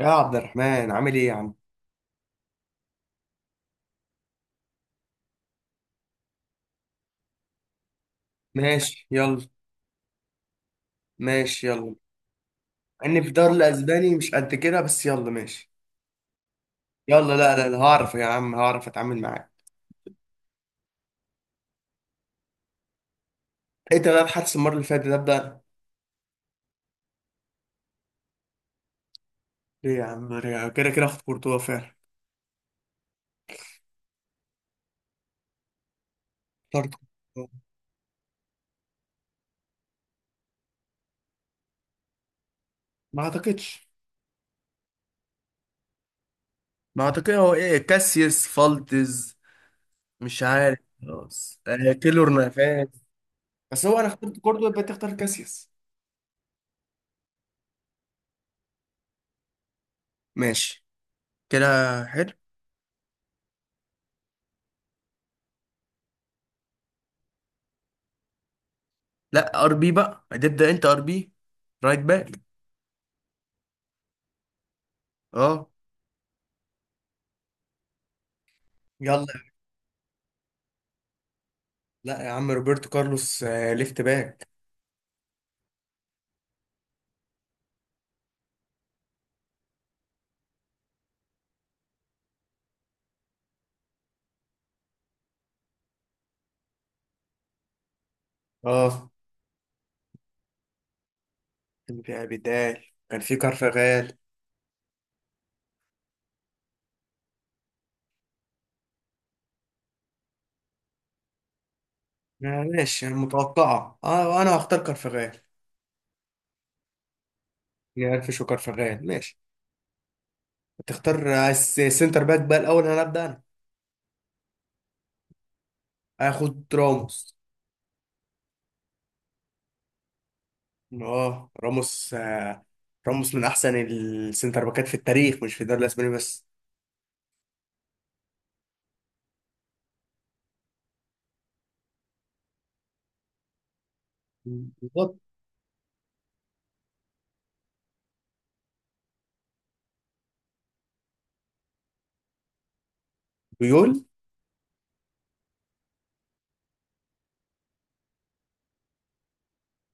يا عبد الرحمن، عامل ايه يا عم؟ ماشي يلا. ماشي يلا مع اني في الدوري الاسباني مش قد كده، بس يلا ماشي. يلا، لا لا لا، هعرف يا عم، هعرف اتعامل معاك. انت بقى بحدث المره اللي فاتت ده، ابدا. ليه يا عم ليه؟ كده كده اخد كورتوا فعلا. طرد. كورتوا. ما اعتقدش. ما اعتقد، هو ايه، كاسياس فالتز؟ مش عارف، خلاص آه، كيلور نافاس. بس هو انا اخترت كورتوا يبقى تختار كاسياس. ماشي. كده. حلو. لا، ار بي بقى هتبدا انت، ار بي، رايت باك. اه. يلا. لا يا عم، روبرتو كارلوس، ليفت باك. اه. بداية. كان في كارفاغال. آه، ماشي، متوقعة. اه، انا هختار كارفاغال. نقفش، وكارفاغال ماشي. هتختار سنتر باك بقى؟ الاول انا ابدا. انا هاخد راموس. اه، راموس. راموس من احسن السنتر باكات في التاريخ، مش في الدوري الاسباني بس. بالظبط. بيول.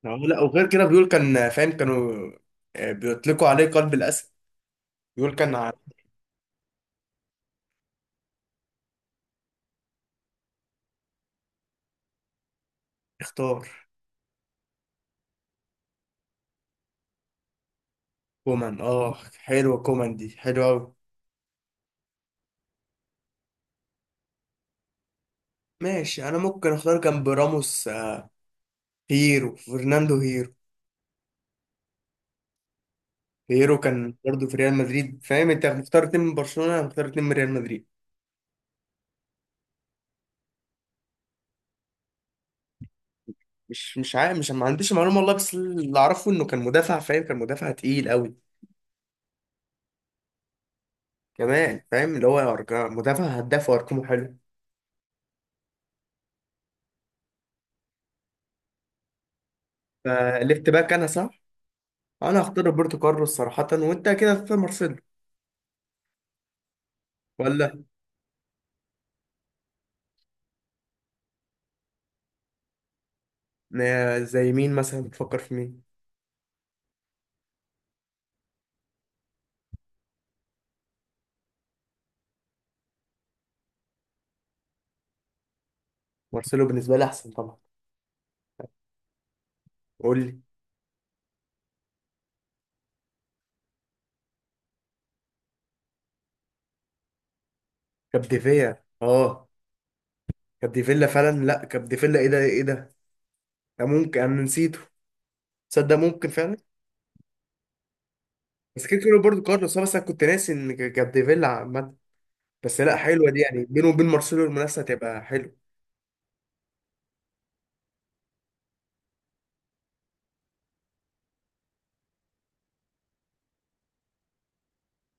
لا، وغير كده بيول كان، فاهم، كانوا بيطلقوا عليه قلب الاسد. بيول كان اختار كومان. اه، حلوة كومان دي، حلوة أوي. ماشي، أنا ممكن أختار جنب راموس، هيرو، فرناندو هيرو. هيرو كان برضه في ريال مدريد، فاهم؟ أنت مختار اتنين من برشلونة، أنا مختار اتنين من ريال مدريد. مش عارف، مش، ما عنديش معلومة والله، بس اللي أعرفه إنه كان مدافع، فاهم؟ كان مدافع تقيل أوي. كمان فاهم، اللي هو مدافع هداف وأرقامه حلو. فليفت باك أنا، صح. أنا هختار روبرتو كارلوس صراحة، وأنت كده هتختار مارسيلو. ولا. زي مين مثلا؟ بتفكر في مين؟ مارسيلو بالنسبة لي أحسن طبعا. قول لي. كبديفيا، اه. كبديفيلا فعلا، لا، كبديفيلا، ايه ده، ايه ده. ده ممكن انا نسيته. تصدق، ممكن فعلا. بس كده كده برضه كارلوس. بس انا كنت ناسي ان كبديفيلا عامه. بس لا، حلوه دي يعني، بينه وبين مارسيلو المنافسه هتبقى حلوه.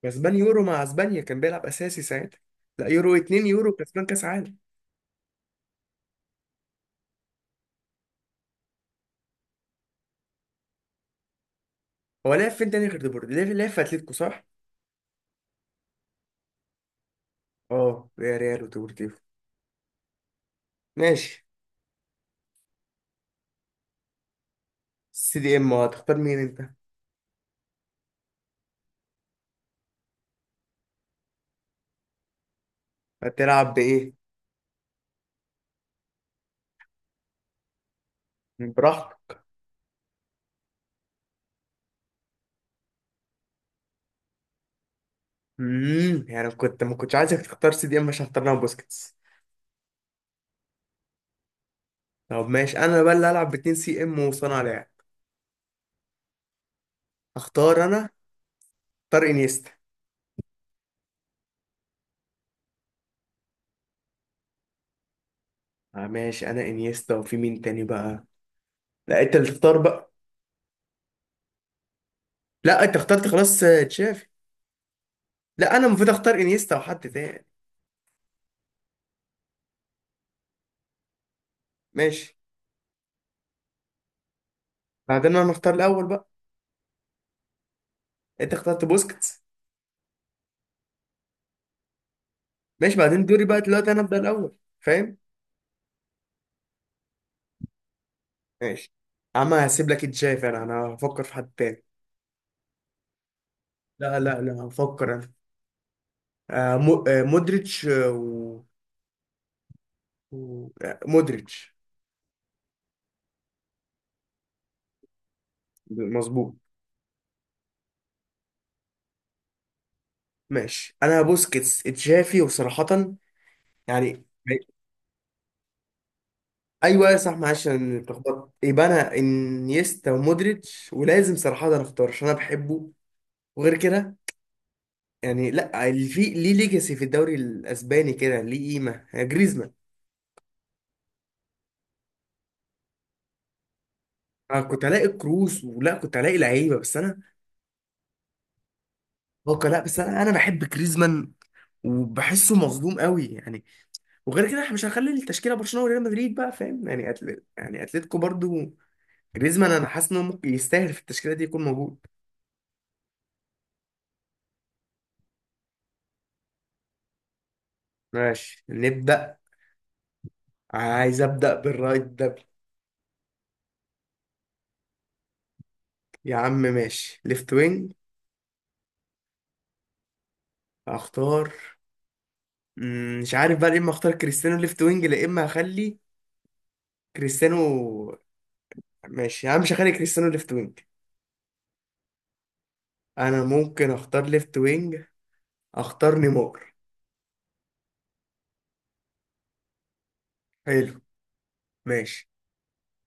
كسبان يورو مع اسبانيا، كان بيلعب اساسي ساعتها. لا يورو 2، يورو كسبان كاس عالم. هو لعب فين تاني غير ديبورتي؟ لعب في اتلتيكو، صح؟ اه، يا ريال وديبورتيفو. ماشي. سي دي ام، هتختار مين انت؟ هتلعب بايه؟ براحتك. يعني كنت ما كنتش عايزك تختار سي دي ام عشان اختار لها بوسكيتس. طب ماشي، انا بقى اللي هلعب باتنين سي ام وصانع لعب. اختار انا. اختار انيستا. آه، ماشي، انا انيستا، وفي مين تاني بقى؟ لا، انت اللي تختار بقى. لا، انت اخترت خلاص تشافي. لا، انا المفروض اختار انيستا وحد تاني. ماشي. بعدين انا اختار الاول بقى. انت اخترت بوسكيتس. ماشي، بعدين دوري بقى، دلوقتي انا ابدا الاول، فاهم. ماشي يا عم، هسيب لك تشافي، انا هفكر في حد تاني. لا لا لا، هفكر انا. مودريتش، و- مودريتش. مظبوط. ماشي، انا بوسكيتس تشافي، وصراحة، يعني، ايوه صح، معلش انا اتلخبطت. يبقى انا انيستا ومودريتش، ولازم صراحة انا اختار عشان انا بحبه. وغير كده، يعني لا، اللي في ليه ليجاسي في الدوري الاسباني كده ليه قيمة يعني، جريزمان. انا كنت هلاقي كروس، ولا كنت هلاقي لعيبة، بس انا، هو لا، بس انا بحب جريزمان، وبحسه مظلوم قوي يعني. وغير كده احنا مش هنخلي التشكيله برشلونه وريال مدريد بقى، فاهم يعني، يعني اتلتيكو برضو. جريزمان انا حاسس انه ممكن يستاهل في التشكيله دي يكون موجود. ماشي، نبدا. عايز ابدا بالرايت ده. يا عم ماشي، ليفت وينج. هختار. مش عارف بقى، يا اما اختار كريستيانو ليفت وينج، يا اما هخلي كريستيانو. ماشي يا عم، مش هخلي كريستيانو ليفت وينج. انا ممكن اختار ليفت وينج. اختار نيمار. حلو. ماشي.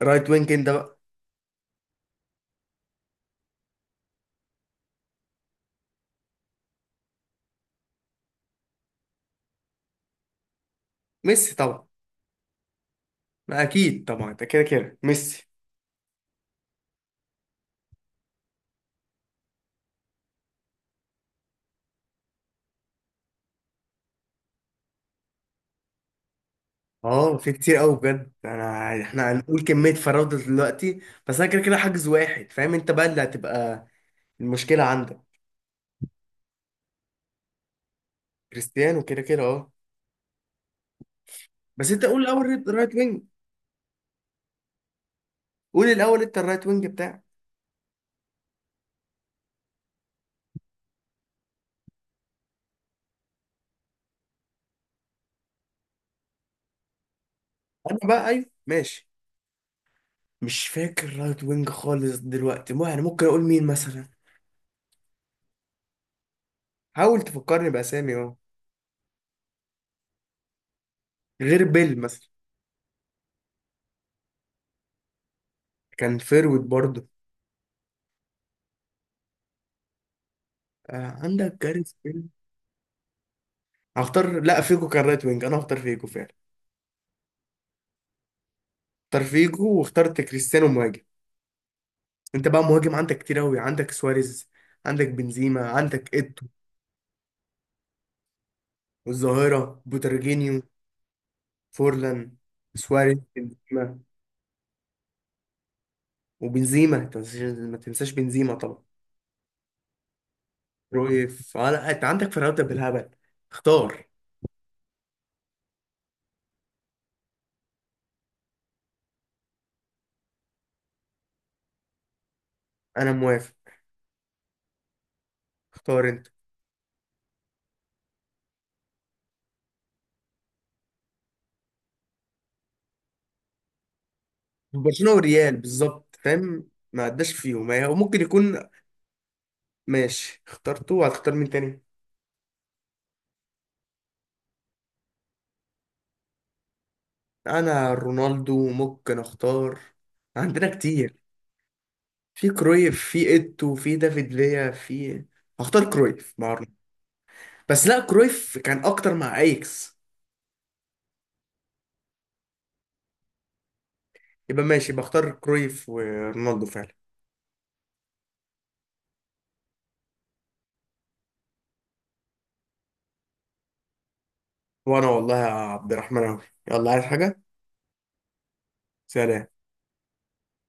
رايت وينج انت بقى. ميسي طبعا. ما اكيد طبعا، ده كده كده ميسي. اه، في كتير قوي بجد، انا احنا هنقول كمية فراوده دلوقتي. بس انا كده كده حاجز واحد، فاهم، انت بقى اللي هتبقى المشكلة عندك. كريستيانو كده كده، اه. بس انت قول الاول، رايت وينج. قول الاول انت الرايت وينج بتاعك. انا بقى، ايوه ماشي. مش فاكر رايت وينج خالص دلوقتي، يعني، ممكن اقول مين مثلا. حاول تفكرني باسامي، اه. غير بيل مثلا. كان فيرويد برضه. آه، عندك كارث بيل. هختار، لا، فيجو كان رايت وينج، انا هختار فيجو فعلا. اختار فيجو، واخترت كريستيانو مهاجم. انت بقى مهاجم عندك كتير قوي، عندك سواريز، عندك بنزيما، عندك ايتو، والظاهرة بوترجينيو، فورلان، سواريز، بنزيما. وبنزيما انت ما تنساش، ما تنساش بنزيما طبعا. رويف، آه، لا انت عندك فرقات بالهبل. اختار. انا موافق. اختار انت. برشلونة والريال بالظبط، فاهم، ما عداش فيهم وممكن يكون. ماشي، اخترته، هتختار مين تاني؟ انا رونالدو ممكن اختار. عندنا كتير. في كرويف، في ايتو، في دافيد فيا، في. هختار كرويف مع أرنولد. بس لا، كرويف كان اكتر مع ايكس. يبقى ماشي، بختار كرويف ورونالدو فعلا. وانا والله يا عبد الرحمن، اوي. يلا، عايز حاجة؟ سلام.